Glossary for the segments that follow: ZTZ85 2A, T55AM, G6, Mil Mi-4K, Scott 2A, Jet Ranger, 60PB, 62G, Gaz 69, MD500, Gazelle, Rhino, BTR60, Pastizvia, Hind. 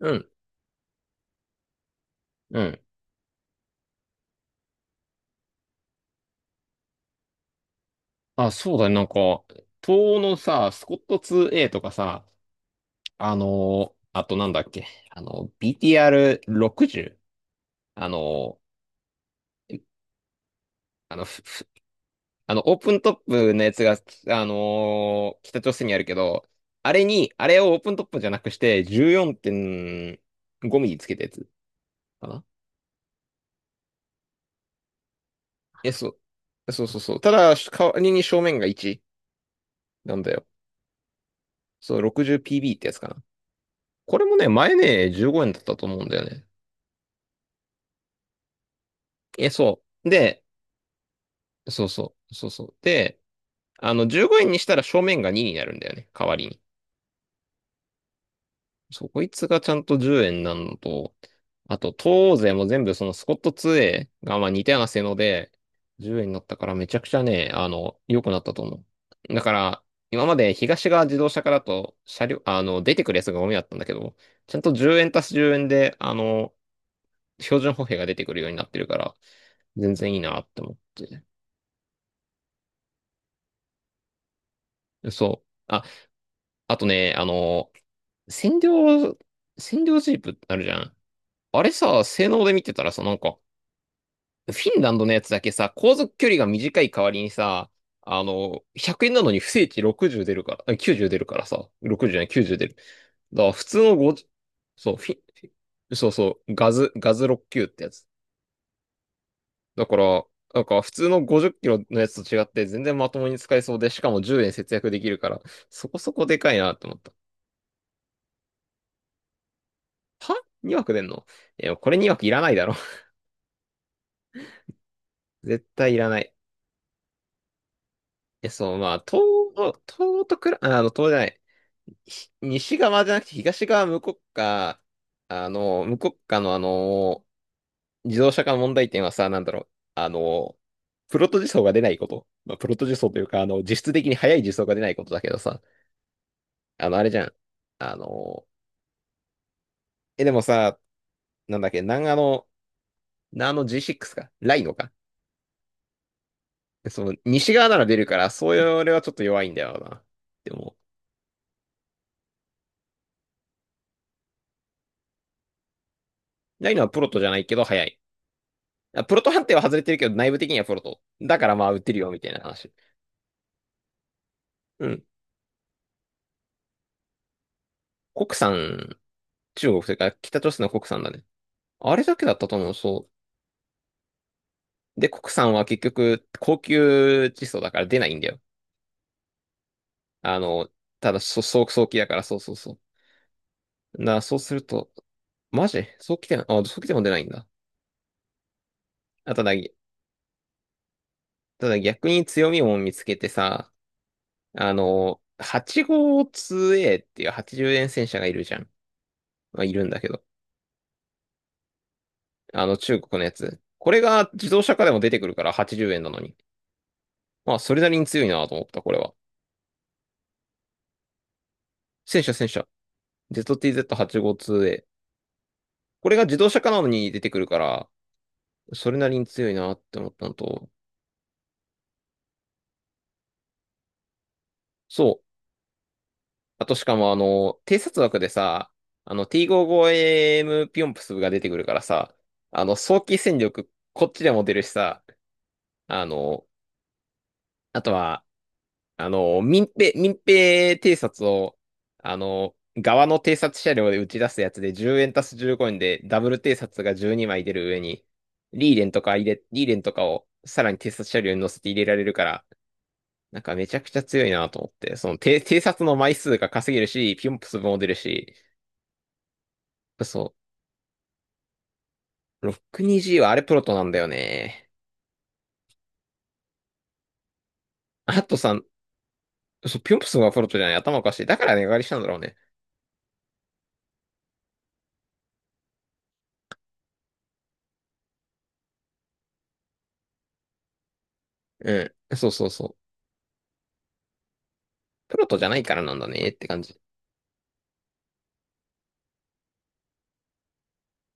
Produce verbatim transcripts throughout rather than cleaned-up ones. うん、うん。あ、そうだね。なんか、東欧のさ、スコット ツーエー とかさ、あのーあとなんだっけ、あの、ビーティーアールろくじゅう？ あのーあの、ふふあの、オープントップのやつが、あのー北朝鮮にあるけど、あれに、あれをオープントップじゃなくして、じゅうよんてんごミリつけたやつかな。え、そう。そうそうそう。ただ、代わりに正面がいちなんだよ。そう、ろくじゅうピービー ってやつかな。これもね、前ね、じゅうごえんだったと思うんだよね。え、そう。で、そうそう、そうそう。で、あの、じゅうごえんにしたら正面がにになるんだよね、代わりに。そう、こいつがちゃんとじゅうえんなのと、あと、東欧勢も全部そのスコット ツーエー がまあ似たような性能で、じゅうえんになったからめちゃくちゃね、あの、良くなったと思う。だから、今まで東側自動車からと車両、あの、出てくるやつがゴミだったんだけど、ちゃんとじゅうえん足すじゅうえんで、あの、標準歩兵が出てくるようになってるから、全然いいなって思って。そう。あ、あとね、あの、占領、占領ジープってあるじゃん。あれさ、性能で見てたらさ、なんか、フィンランドのやつだけさ、航続距離が短い代わりにさ、あの、ひゃくえんなのに不正値ろくじゅう出るから、あ、きゅうじゅう出るからさ、ろくじゅうじゅうじゃない、きゅうじゅう出る。だから普通のごじゅう、そう、フィン、フィンそうそう、ガズ、ガズろくじゅうきゅうっ級ってやつ。だから、なんか普通のごじゅっキロのやつと違って全然まともに使えそうで、しかもじゅうえん節約できるから、そこそこでかいなって思った。は？ に 枠出んの？え、これに枠いらないだろ。絶対いらない。え、そう、まあ、東、東とくら、あの、東じゃない。ひ西側じゃなくて東側無国家、あの、無国家のあの、自動車化問題点はさ、なんだろう。あの、プロト自走が出ないこと。まあ、プロト自走というか、あの、実質的に速い自走が出ないことだけどさ、あの、あれじゃん。あの、え、でもさ、なんだっけ、南アの、ナーの ジーシックス か、ライノか。その、西側なら出るから、そういうれはちょっと弱いんだよな。でも、ないのはプロトじゃないけど、早い。あ、プロト判定は外れてるけど、内部的にはプロト。だからまあ、打てるよ、みたいな話。うん。国産、中国というか、北朝鮮の国産だね。あれだけだったと思う、そう。で、国産は結局、高級窒素だから出ないんだよ。あの、ただ、そ、そう、早期だから、そうそうそう。な、そうすると、マジ早期で、あ、早期でも出ないんだ。あ、ただ、ただ逆に強みも見つけてさ、あの、はち号 ツーエー っていうはちじゅうえん戦車がいるじゃん。まあ、いるんだけど。あの、中国のやつ。これが自動車化でも出てくるからはちじゅうえんなのに。まあ、それなりに強いなと思った、これは。戦車戦車。ゼットティーゼットはちごツーエー。これが自動車化なのに出てくるから、それなりに強いなって思ったのと。そう。あとしかもあの、偵察枠でさ、あの ティーごじゅうごエーエム ピョンプスが出てくるからさ、あの、早期戦力こっちでも出るしさ、あの、あとは、あの、民兵、民兵偵察を、あの、側の偵察車両で打ち出すやつでじゅうえん足すじゅうごえんでダブル偵察がじゅうにまい出る上に、リーレンとか入れ、リーレンとかをさらに偵察車両に乗せて入れられるから、なんかめちゃくちゃ強いなと思って、その偵、偵察の枚数が稼げるし、ピョンプスも出るし、そう、ろく に g はあれプロトなんだよね。あとさ、そう、ピョンプスがプロトじゃない、頭おかしい。だから値上がりしたんだろうね。うん。そうそうそう。プロトじゃないからなんだねって感じ。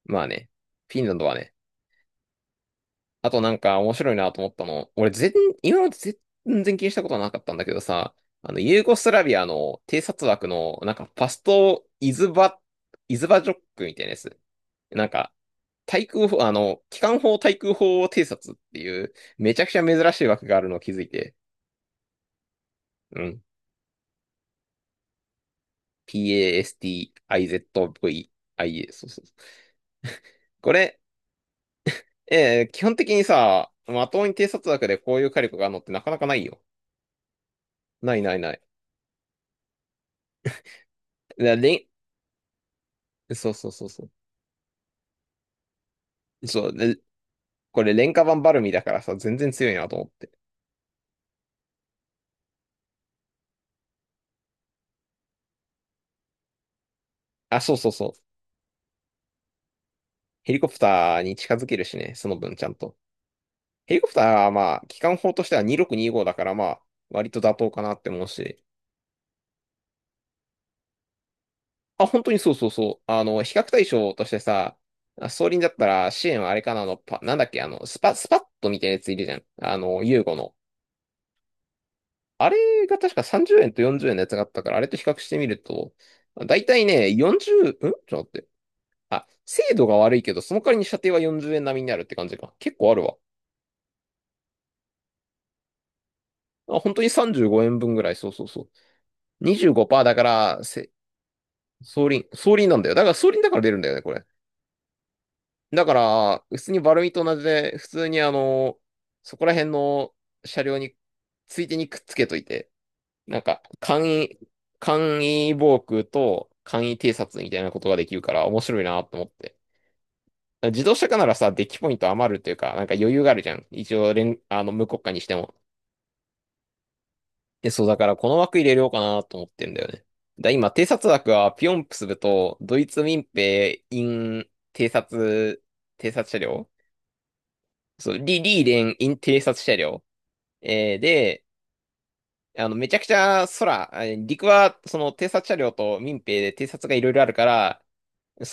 まあね、フィンランドはね、あとなんか面白いなと思ったの、俺全、今まで全然気にしたことはなかったんだけどさ、あの、ユーゴスラビアの偵察枠の、なんかパストイズバ、イズバジョックみたいなやつ。なんか、対空砲、あの、機関砲対空砲偵察っていう、めちゃくちゃ珍しい枠があるのを気づいて、うん。PASTIZVIA、そうそうそう。これ、えー基本的にさ、まともに偵察枠でこういう火力があるのってなかなかないよ。ないないない。だれん、そうそうそうそう。そう、で、これ廉価版バルミだからさ、全然強いなと思って。あ、そうそうそう。ヘリコプターに近づけるしね、その分ちゃんと。ヘリコプターはまあ、機関砲としてはにせんろっぴゃくにじゅうごだからまあ、割と妥当かなって思うし。あ、本当にそうそうそう。あの、比較対象としてさ、あ、装輪だったら支援はあれかなあの、パ、なんだっけ、あの、スパ、スパッとみたいなやついるじゃん。あの、ユーゴの。あれが確かさんじゅうえんとよんじゅうえんのやつがあったから、あれと比較してみると、だいたいね、よんじゅう、んちょっと待って。あ、精度が悪いけど、その代わりに射程はよんじゅうえん並みになるって感じか。結構あるわ。あ、本当にさんじゅうごえんぶんぐらい。そうそうそう。にじゅうごパーセントだから、せ、総輪、総輪なんだよ。だから総輪だから出るんだよね、これ。だから、普通にバルミと同じで、普通にあの、そこら辺の車両に、ついでにくっつけといて、なんか、簡易、簡易防空と簡易偵察みたいなことができるから面白いなと思って。自動車化ならさ、デッキポイント余るっていうか、なんか余裕があるじゃん。一応連、あの、無国家にしても。え、そう、だからこの枠入れようかなと思ってんだよね。だ、今、偵察枠はピョンプスブとドイツ民兵 in 偵察、偵察車両、そう、リ、リーレン in 偵察車両。えーで、あの、めちゃくちゃ空、えー陸はその偵察車両と民兵で偵察がいろいろあるから、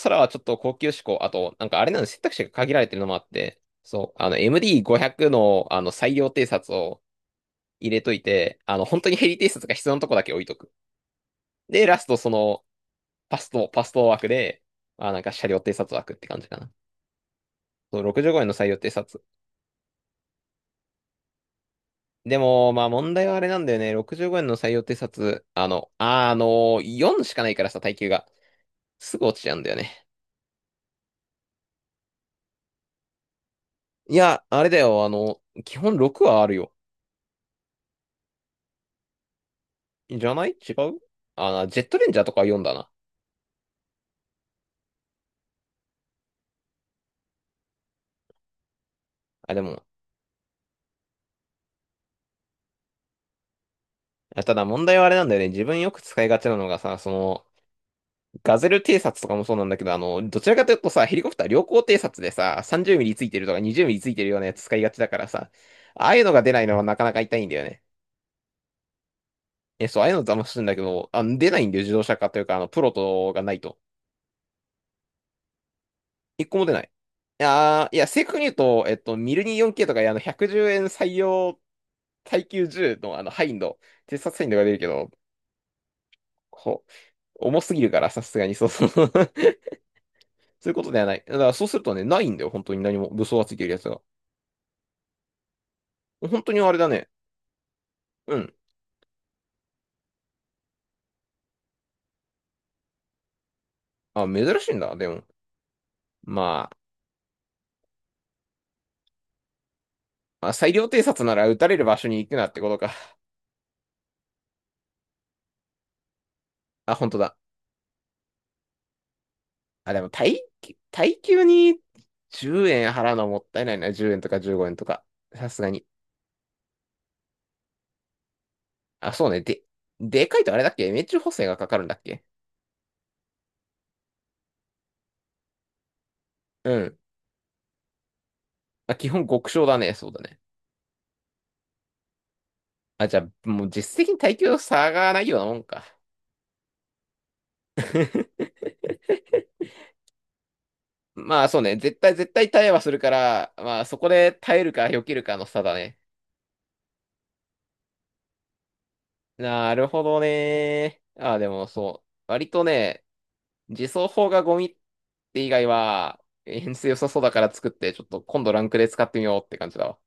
空はちょっと高級志向、あと、なんかあれなの選択肢が限られてるのもあって、そう、あの、エムディーごひゃく のあの、最良偵察を入れといて、あの、本当にヘリ偵察が必要なとこだけ置いとく。で、ラストその、パスト、パスト枠で、まあなんか車両偵察枠って感じかな。そう、ろくじゅうごえんの採用偵察。でも、まあ問題はあれなんだよね。ろくじゅうごえんの採用偵察、あの、あ、のよんしかないからさ、耐久が。すぐ落ちちゃうんだよね。いや、あれだよ、あの、基本ろくはあるよ。じゃない、違う。あ、ジェットレンジャーとかはよんだな。あ、でも、ただ問題はあれなんだよね。自分よく使いがちなのがさ、その、ガゼル偵察とかもそうなんだけど、あの、どちらかというとさ、ヘリコプター良好偵察でさ、さんじゅうミリついてるとかにじゅうミリついてるようなやつ使いがちだからさ、ああいうのが出ないのはなかなか痛いんだよね。え、そう、ああいうの騙すんだけど、あ、出ないんだよ、自動車化というか、あの、プロトがないと。一個も出ない。いやー、いや、正確に言うと、えっと、ミルニ よんケー とか、あの、ひゃくじゅうえん採用耐久銃の、あの、ハインド、偵察ハインドが出るけど、こう、重すぎるから、さすがに、そうそう。そういうことではない。だから、そうするとね、ないんだよ、本当に何も、武装がついてるやつが。本当にあれだね。うん。あ、珍しいんだ。でも。まあ、まあ、裁量偵察なら撃たれる場所に行くなってことか。あ、本当だ。あ、でも、耐久、耐久にじゅうえん払うのはもったいないな。じゅうえんとかじゅうごえんとか。さすがに。あ、そうね。で、でかいとあれだっけ、命中補正がかかるんだっけ？うん。まあ、基本極小だね。そうだね。あ、じゃあ、もう実質的に耐久差がないようなもんか。まあ、そうね。絶対、絶対耐えはするから、まあ、そこで耐えるか避けるかの差だね。なるほどね。あ、でもそう。割とね、自走砲がゴミって以外は、演出良 さそうだから作って、ちょっと今度ランクで使ってみようって感じだわ。